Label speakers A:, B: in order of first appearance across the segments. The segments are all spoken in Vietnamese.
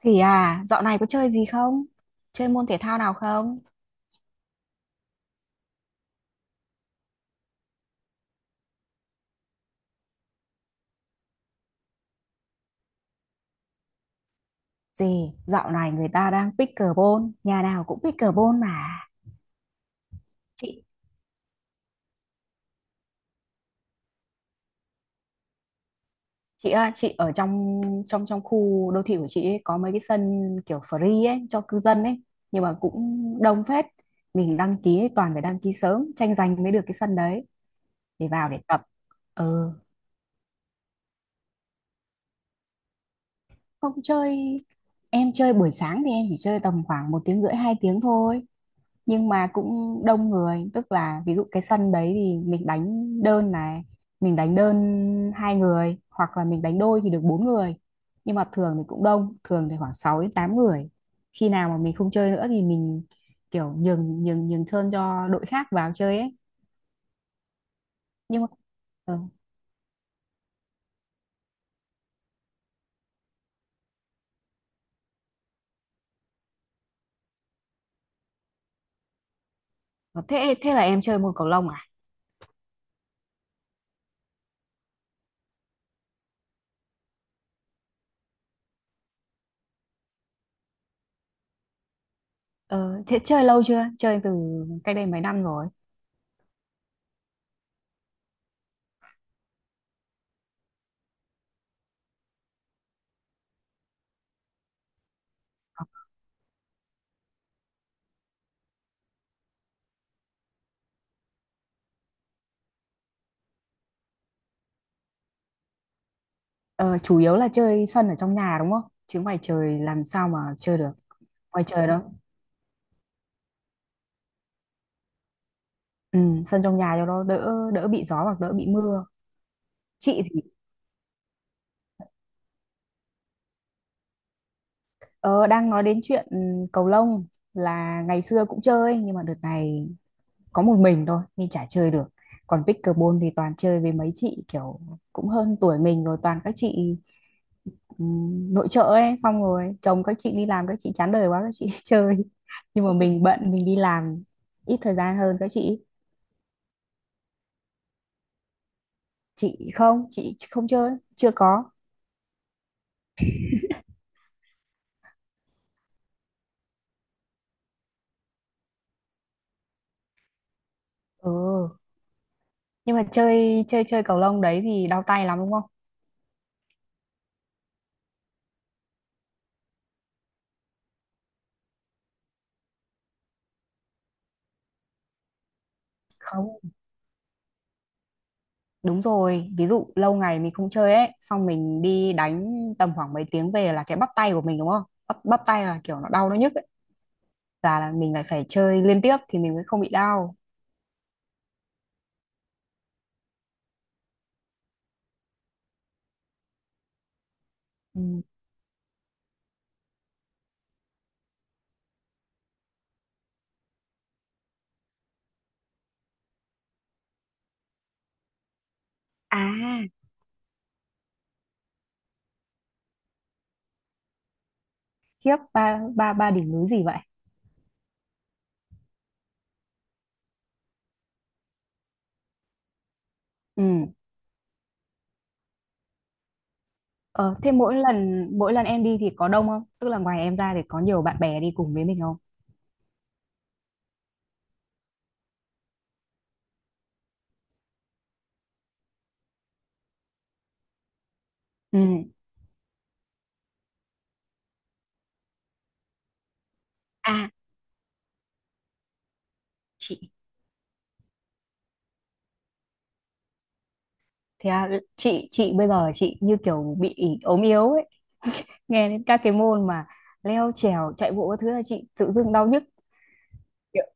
A: Thì à, dạo này có chơi gì không? Chơi môn thể thao nào không? Gì, dạo này người ta đang pickleball, nhà nào cũng pickleball mà. Chị chị à, chị ở trong trong trong khu đô thị của chị ấy, có mấy cái sân kiểu free ấy cho cư dân ấy, nhưng mà cũng đông phết. Mình đăng ký ấy, toàn phải đăng ký sớm, tranh giành mới được cái sân đấy để vào để tập. Ừ, không chơi, em chơi buổi sáng thì em chỉ chơi tầm khoảng một tiếng rưỡi 2 tiếng thôi, nhưng mà cũng đông người, tức là ví dụ cái sân đấy thì mình đánh đơn này, mình đánh đơn 2 người hoặc là mình đánh đôi thì được 4 người. Nhưng mà thường thì cũng đông, thường thì khoảng 6 đến 8 người. Khi nào mà mình không chơi nữa thì mình kiểu nhường nhường nhường sân cho đội khác vào chơi ấy, nhưng mà ờ, thế thế là em chơi môn cầu lông à? Ờ, thế chơi lâu chưa, chơi từ cách đây mấy năm rồi? Ờ, chủ yếu là chơi sân ở trong nhà đúng không, chứ ngoài trời làm sao mà chơi được, ngoài trời đâu. Ừ, sân trong nhà cho nó đỡ đỡ bị gió hoặc đỡ bị mưa. Chị thì ờ, đang nói đến chuyện cầu lông, là ngày xưa cũng chơi nhưng mà đợt này có một mình thôi nên chả chơi được. Còn pickleball thì toàn chơi với mấy chị kiểu cũng hơn tuổi mình rồi, toàn các chị ừ, nội trợ ấy, xong rồi chồng các chị đi làm, các chị chán đời quá các chị chơi. Nhưng mà mình bận mình đi làm, ít thời gian hơn các chị. Chị không chơi, chưa có. Ừ, nhưng mà chơi chơi chơi cầu lông đấy thì đau tay lắm đúng không? Không, đúng rồi. Ví dụ lâu ngày mình không chơi ấy, xong mình đi đánh tầm khoảng mấy tiếng về là cái bắp tay của mình đúng không? Bắp tay là kiểu nó đau nó nhức ấy. Là mình lại phải chơi liên tiếp thì mình mới không bị đau. Ừ. À, khiếp, ba ba ba đỉnh núi gì vậy? Ừ. Ờ, thế mỗi lần em đi thì có đông không? Tức là ngoài em ra thì có nhiều bạn bè đi cùng với mình không? Ừ. À, chị thế à, chị bây giờ chị như kiểu bị ốm yếu ấy. Nghe đến các cái môn mà leo trèo chạy bộ các thứ là chị tự dưng đau nhức. Kiểu-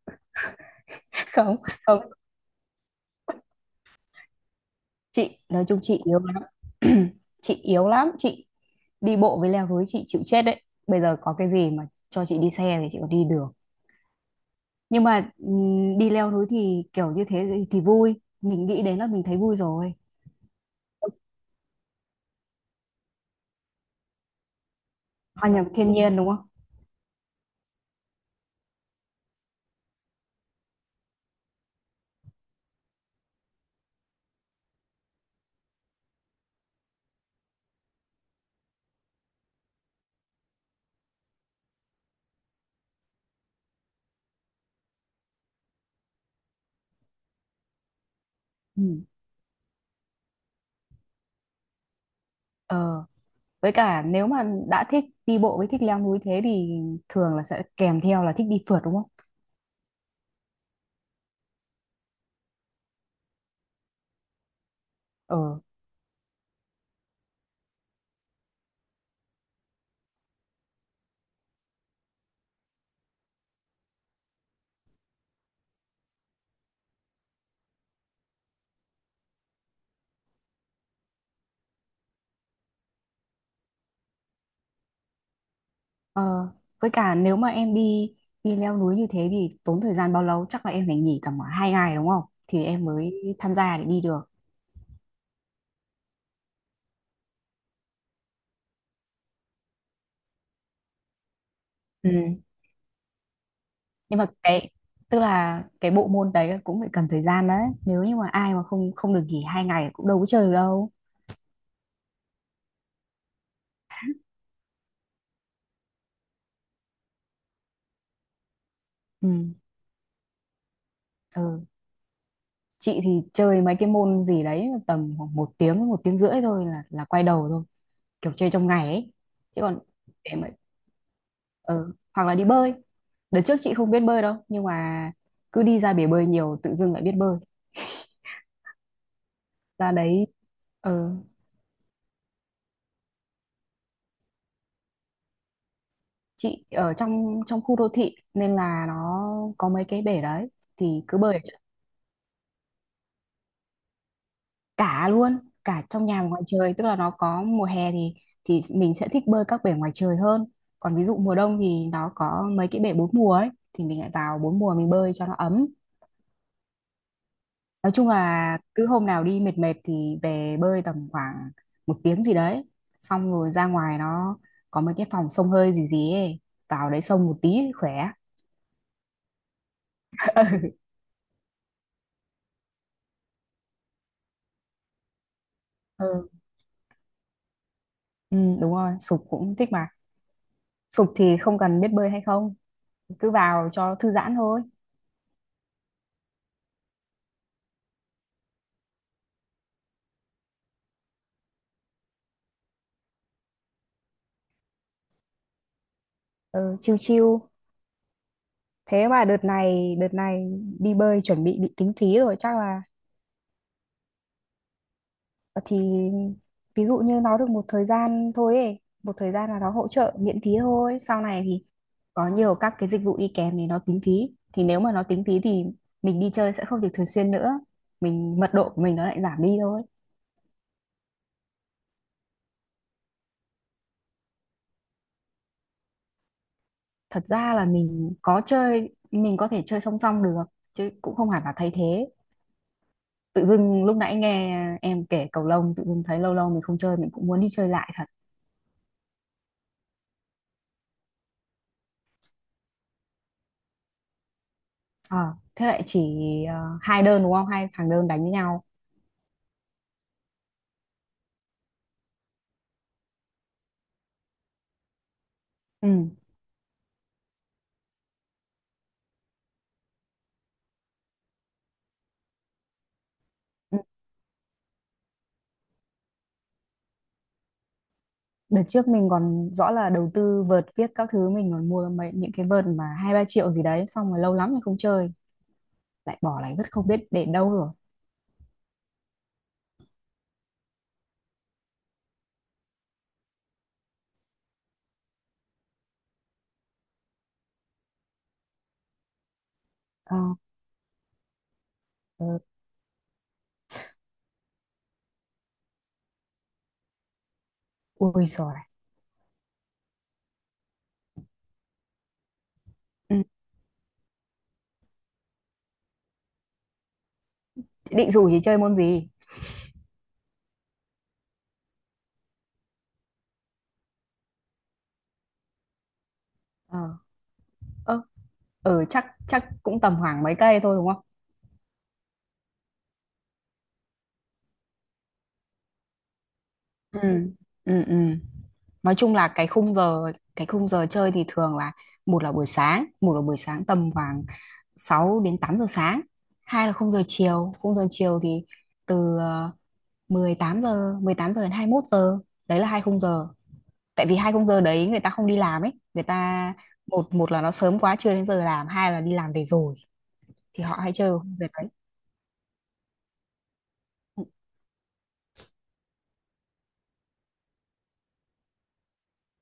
A: không không, chị nói chung chị yếu lắm. Chị yếu lắm, chị đi bộ với leo núi chị chịu chết đấy. Bây giờ có cái gì mà cho chị đi xe thì chị còn đi được, nhưng mà đi leo núi thì kiểu như thế thì vui, mình nghĩ đến là mình thấy vui rồi. Hòa nhập thiên nhiên đúng không? Ừ. ờ với cả nếu mà đã thích đi bộ với thích leo núi thế thì thường là sẽ kèm theo là thích đi phượt đúng không? ờ Ờ, với cả nếu mà em đi đi leo núi như thế thì tốn thời gian bao lâu? Chắc là em phải nghỉ tầm khoảng 2 ngày đúng không? Thì em mới tham gia để đi được. Ừ. Nhưng mà cái, tức là cái bộ môn đấy cũng phải cần thời gian đấy. Nếu như mà ai mà không không được nghỉ hai ngày cũng đâu có chơi được đâu. Ừ. Ừ. Chị thì chơi mấy cái môn gì đấy tầm khoảng một tiếng rưỡi thôi là quay đầu thôi, kiểu chơi trong ngày ấy. Chứ còn để mà ừ. hoặc là đi bơi, đợt trước chị không biết bơi đâu nhưng mà cứ đi ra bể bơi nhiều tự dưng lại biết bơi, ra đấy. ừ. Chị ở trong trong khu đô thị nên là nó có mấy cái bể đấy, thì cứ bơi ở chỗ cả luôn, cả trong nhà và ngoài trời. Tức là nó có mùa hè thì mình sẽ thích bơi các bể ngoài trời hơn, còn ví dụ mùa đông thì nó có mấy cái bể bốn mùa ấy thì mình lại vào bốn mùa mình bơi cho nó ấm. Nói chung là cứ hôm nào đi mệt mệt thì về bơi tầm khoảng một tiếng gì đấy, xong rồi ra ngoài nó có mấy cái phòng xông hơi gì gì ấy, vào đấy xông một tí khỏe. Ừ. Ừ đúng rồi, sục cũng thích mà, sục thì không cần biết bơi hay không, cứ vào cho thư giãn thôi. Ừ, chiêu. Chill. Thế mà đợt này đi bơi chuẩn bị tính phí rồi chắc là, thì ví dụ như nó được một thời gian thôi ấy, một thời gian là nó hỗ trợ miễn phí thôi, sau này thì có nhiều các cái dịch vụ đi kèm thì nó tính phí, thì nếu mà nó tính phí thì mình đi chơi sẽ không được thường xuyên nữa, mình mật độ của mình nó lại giảm đi thôi. Thật ra là mình có chơi, mình có thể chơi song song được, chứ cũng không hẳn là thay thế. Tự dưng lúc nãy nghe em kể cầu lông tự dưng thấy lâu lâu mình không chơi mình cũng muốn đi chơi lại thật. Ờ, thế lại chỉ hai đơn đúng không, hai thằng đơn đánh với nhau. Ừ. Ừ. Đợt trước mình còn rõ là đầu tư vợt viết các thứ, mình còn mua mấy những cái vợt mà 2, 3 triệu gì đấy xong rồi lâu lắm mình không chơi, lại bỏ lại rất không biết để đâu rồi. Ờ. Ờ, ui rồi này. Ừ. Định rủ thì chơi môn gì? Ờ. Ờ. Ờ, chắc chắc cũng tầm khoảng mấy cây thôi đúng không? Ừ. Ừ. Ừ, nói chung là cái khung giờ, cái khung giờ chơi thì thường là một là buổi sáng tầm khoảng 6 đến 8 giờ sáng. Hai là khung giờ chiều, khung giờ chiều thì từ ờ, mười tám giờ đến 21 giờ, đấy là 2 khung giờ. Tại vì hai khung giờ đấy người ta không đi làm ấy, người ta một một là nó sớm quá chưa đến giờ làm, hai là đi làm về rồi thì họ hay chơi vào khung giờ đấy.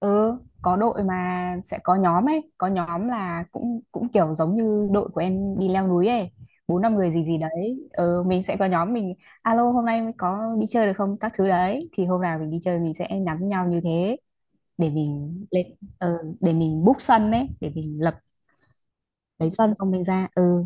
A: Ừ, có đội mà sẽ có nhóm ấy, có nhóm là cũng cũng kiểu giống như đội của em đi leo núi ấy, 4, 5 người gì gì đấy. Ừ, mình sẽ có nhóm, mình alo hôm nay mới có đi chơi được không các thứ đấy, thì hôm nào mình đi chơi mình sẽ nhắn nhau như thế để mình lên. Ờ, để mình book sân ấy, để mình lập lấy sân xong mình ra. Ừ,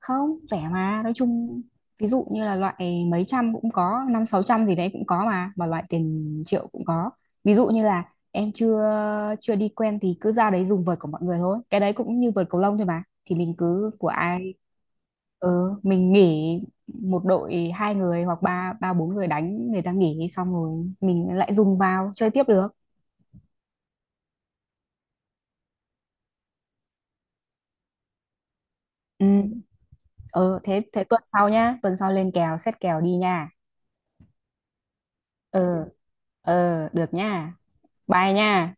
A: không rẻ mà, nói chung ví dụ như là loại mấy trăm cũng có, năm sáu trăm gì đấy cũng có, mà loại tiền triệu cũng có. Ví dụ như là em chưa chưa đi quen thì cứ ra đấy dùng vợt của mọi người thôi, cái đấy cũng như vợt cầu lông thôi mà, thì mình cứ của ai. Ừ, mình nghỉ một đội hai người hoặc ba ba bốn người đánh, người ta nghỉ xong rồi mình lại dùng vào chơi tiếp được. Ừ, ừ thế thế tuần sau nhá, tuần sau lên kèo xét kèo đi nha. Ừ. Ừ được nha, bye nha.